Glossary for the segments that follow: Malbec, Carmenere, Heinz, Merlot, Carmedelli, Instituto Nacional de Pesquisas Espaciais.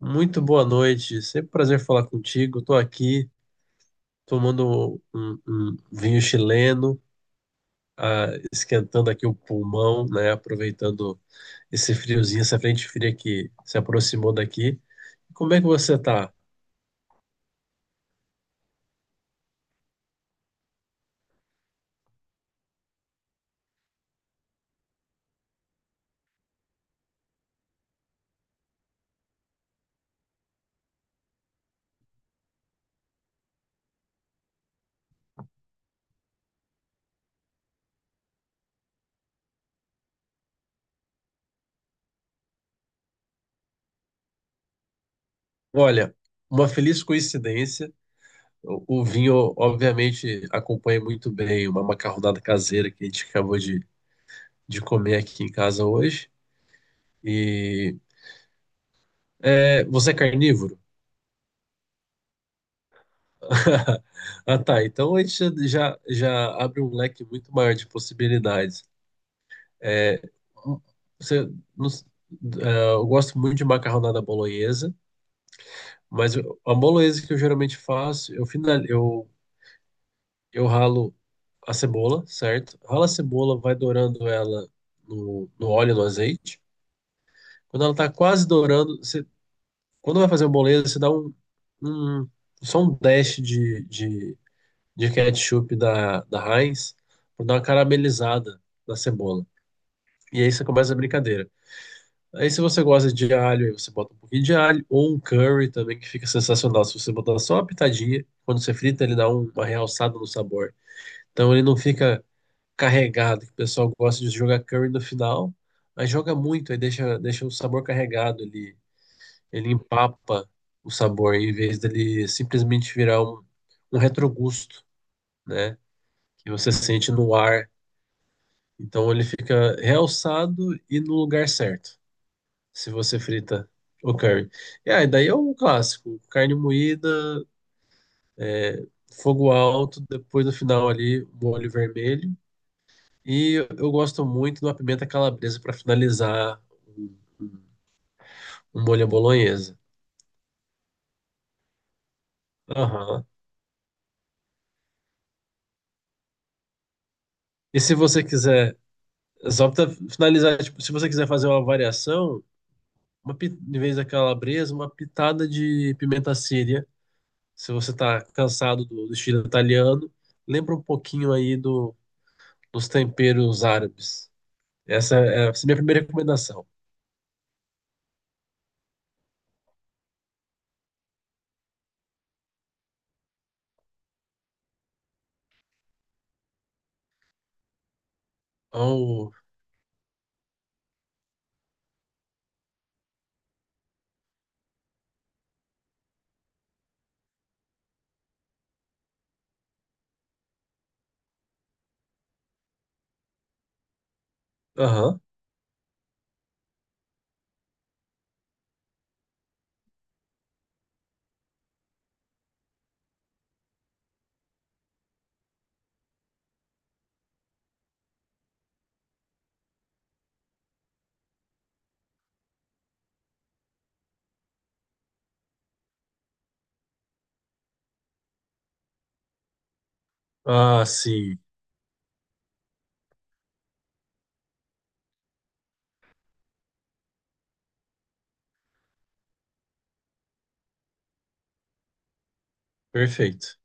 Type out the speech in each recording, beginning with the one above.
Muito boa noite, sempre um prazer falar contigo. Estou aqui tomando um vinho chileno, ah, esquentando aqui o pulmão, né? Aproveitando esse friozinho, essa frente fria que se aproximou daqui. Como é que você tá? Olha, uma feliz coincidência. O vinho, obviamente, acompanha muito bem uma macarronada caseira que a gente acabou de comer aqui em casa hoje. E é, você é carnívoro? Ah, tá. Então a gente já abre um leque muito maior de possibilidades. É, um, você, não s- é, eu gosto muito de macarronada bolonhesa, mas a bolonhesa que eu geralmente faço, eu ralo a cebola, certo? Rala a cebola, vai dourando ela no óleo, no azeite. Quando ela tá quase dourando, quando vai fazer a bolonhesa, você dá um, só um dash de ketchup da Heinz para dar uma caramelizada na cebola. E aí você começa a brincadeira. Aí se você gosta de alho, aí você bota um pouquinho de alho, ou um curry também, que fica sensacional. Se você botar só uma pitadinha, quando você frita, ele dá uma realçada no sabor. Então ele não fica carregado, que o pessoal gosta de jogar curry no final, mas joga muito, aí deixa o sabor carregado, ele empapa o sabor, em vez dele simplesmente virar um retrogusto, né? Que você sente no ar. Então ele fica realçado e no lugar certo, se você frita o curry. E aí, daí é um clássico, carne moída, é, fogo alto, depois no final ali, um molho vermelho. E eu gosto muito de uma pimenta calabresa para finalizar um, um- um molho à bolonhesa. Aham. E se você quiser, só para finalizar, tipo, se você quiser fazer uma variação, em vez da calabresa, uma pitada de pimenta síria. Se você está cansado do estilo italiano, lembra um pouquinho aí dos temperos árabes. Essa é a minha primeira recomendação. Oh, aham. Ah, sim. Perfeito.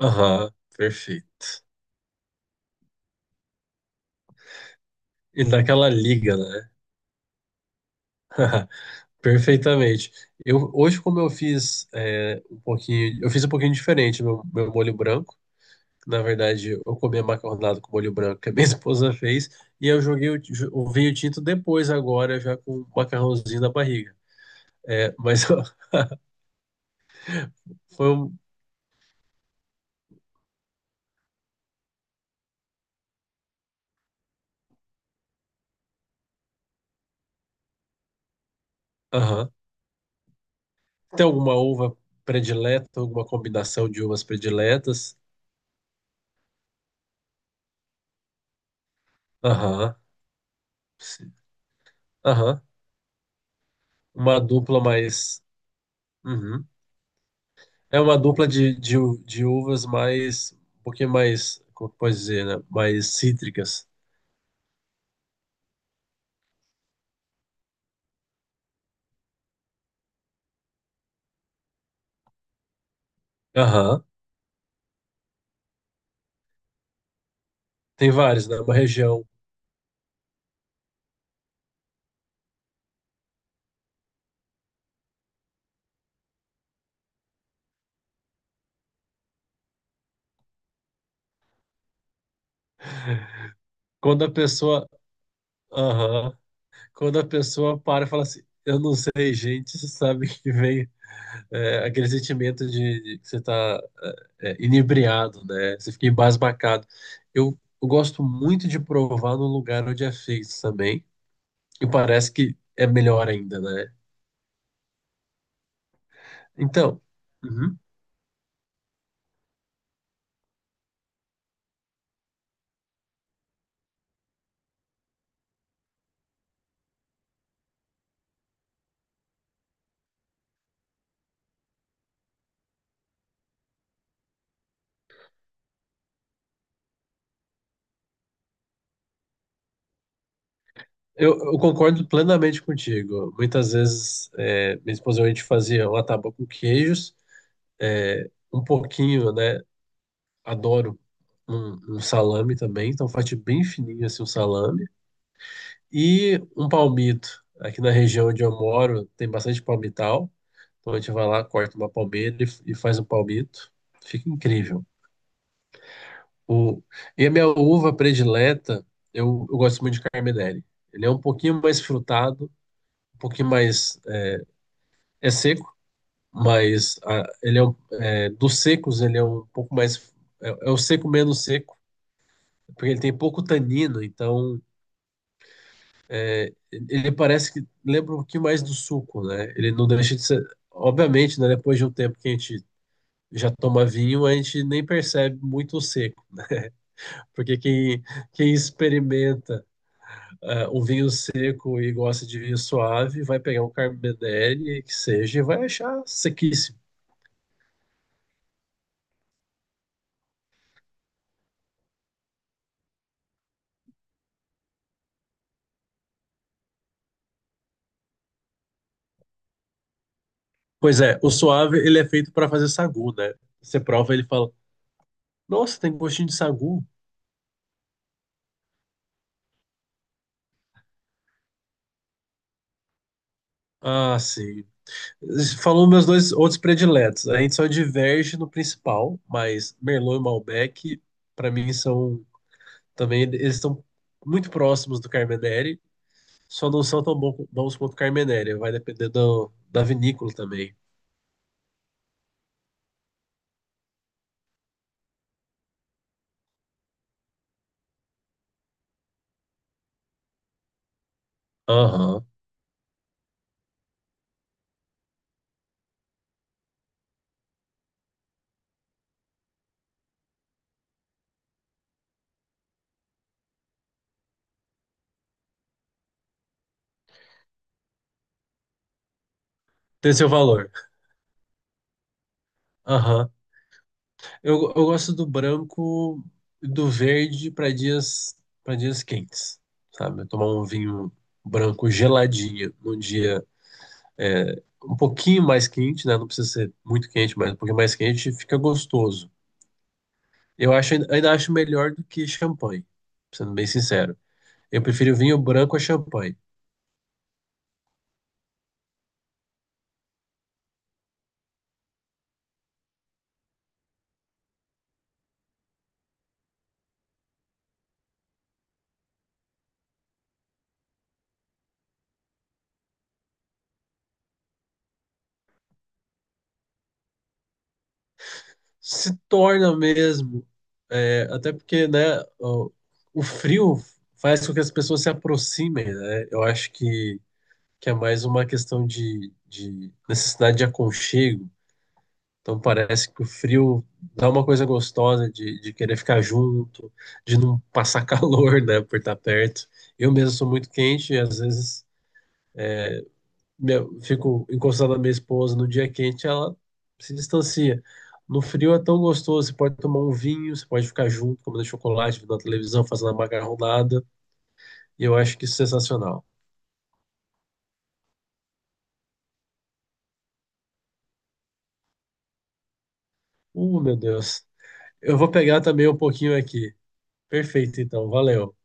Aham, perfeito. E daquela liga, né? Perfeitamente. Eu, hoje, como eu fiz um pouquinho, eu fiz um pouquinho diferente meu molho branco. Na verdade, eu comi macarronada com molho branco que a minha esposa fez e eu joguei o vinho tinto depois, agora, já com o macarrãozinho na barriga. É, mas ó, foi um. Aham. Tem alguma uva predileta, alguma combinação de uvas prediletas? Aham. Sim. Aham. Uma dupla mais. Uhum. É uma dupla de uvas mais. Um pouquinho mais. Como que pode dizer, né? Mais cítricas. Aham. Tem vários, né? Uma região. Quando a pessoa. Aham. Quando a pessoa para e fala assim, eu não sei, gente, você sabe que vem é, aquele sentimento de que você está inebriado, né? Você fica embasbacado. Eu gosto muito de provar no lugar onde é feito também, e parece que é melhor ainda, né? Então, uhum, eu concordo plenamente contigo. Muitas vezes, é, minha esposa e eu, a gente fazia uma tábua com queijos, é, um pouquinho, né? Adoro um salame também, então faço bem fininho assim um salame. E um palmito. Aqui na região onde eu moro tem bastante palmital. Então a gente vai lá, corta uma palmeira e faz um palmito. Fica incrível. O, e a minha uva predileta, eu gosto muito de Carmedelli. Ele é um pouquinho mais frutado, um pouquinho mais. É seco, mas ah, é, dos secos, ele é um pouco mais. É, é o seco menos seco, porque ele tem pouco tanino, então ele parece que lembra um pouquinho mais do suco, né? Ele não deixa de ser. Obviamente, né, depois de um tempo que a gente já toma vinho, a gente nem percebe muito o seco, porque quem experimenta ah, um vinho seco e gosta de vinho suave vai pegar um Carmenere que seja e vai achar sequíssimo. Pois é, o suave ele é feito para fazer sagu, né? Você prova ele e fala: Nossa, tem gostinho de sagu. Ah, sim, falou meus dois outros prediletos. A gente só diverge no principal, mas Merlot e Malbec, para mim, são também. Eles estão muito próximos do Carmenere, só não são tão bons quanto o Carmenere. Vai depender do, da vinícola também. Aham. Tem seu valor. Aham. Eu gosto do branco e do verde para dias quentes, sabe? Tomar um vinho branco geladinho num dia é, um pouquinho mais quente, né? Não precisa ser muito quente, mas um pouquinho mais quente fica gostoso. Eu acho, ainda acho melhor do que champanhe, sendo bem sincero. Eu prefiro vinho branco a champanhe. Se torna mesmo, é, até porque, né, o frio faz com que as pessoas se aproximem, né? Eu acho que é mais uma questão de necessidade de aconchego. Então parece que o frio dá uma coisa gostosa de querer ficar junto, de não passar calor, né, por estar perto. Eu mesmo sou muito quente e às vezes meu, fico encostado na minha esposa no dia quente, ela se distancia. No frio é tão gostoso, você pode tomar um vinho, você pode ficar junto, comendo chocolate, vendo a televisão, fazendo a macarronada, e eu acho que isso é sensacional. Meu Deus. Eu vou pegar também um pouquinho aqui. Perfeito, então, valeu.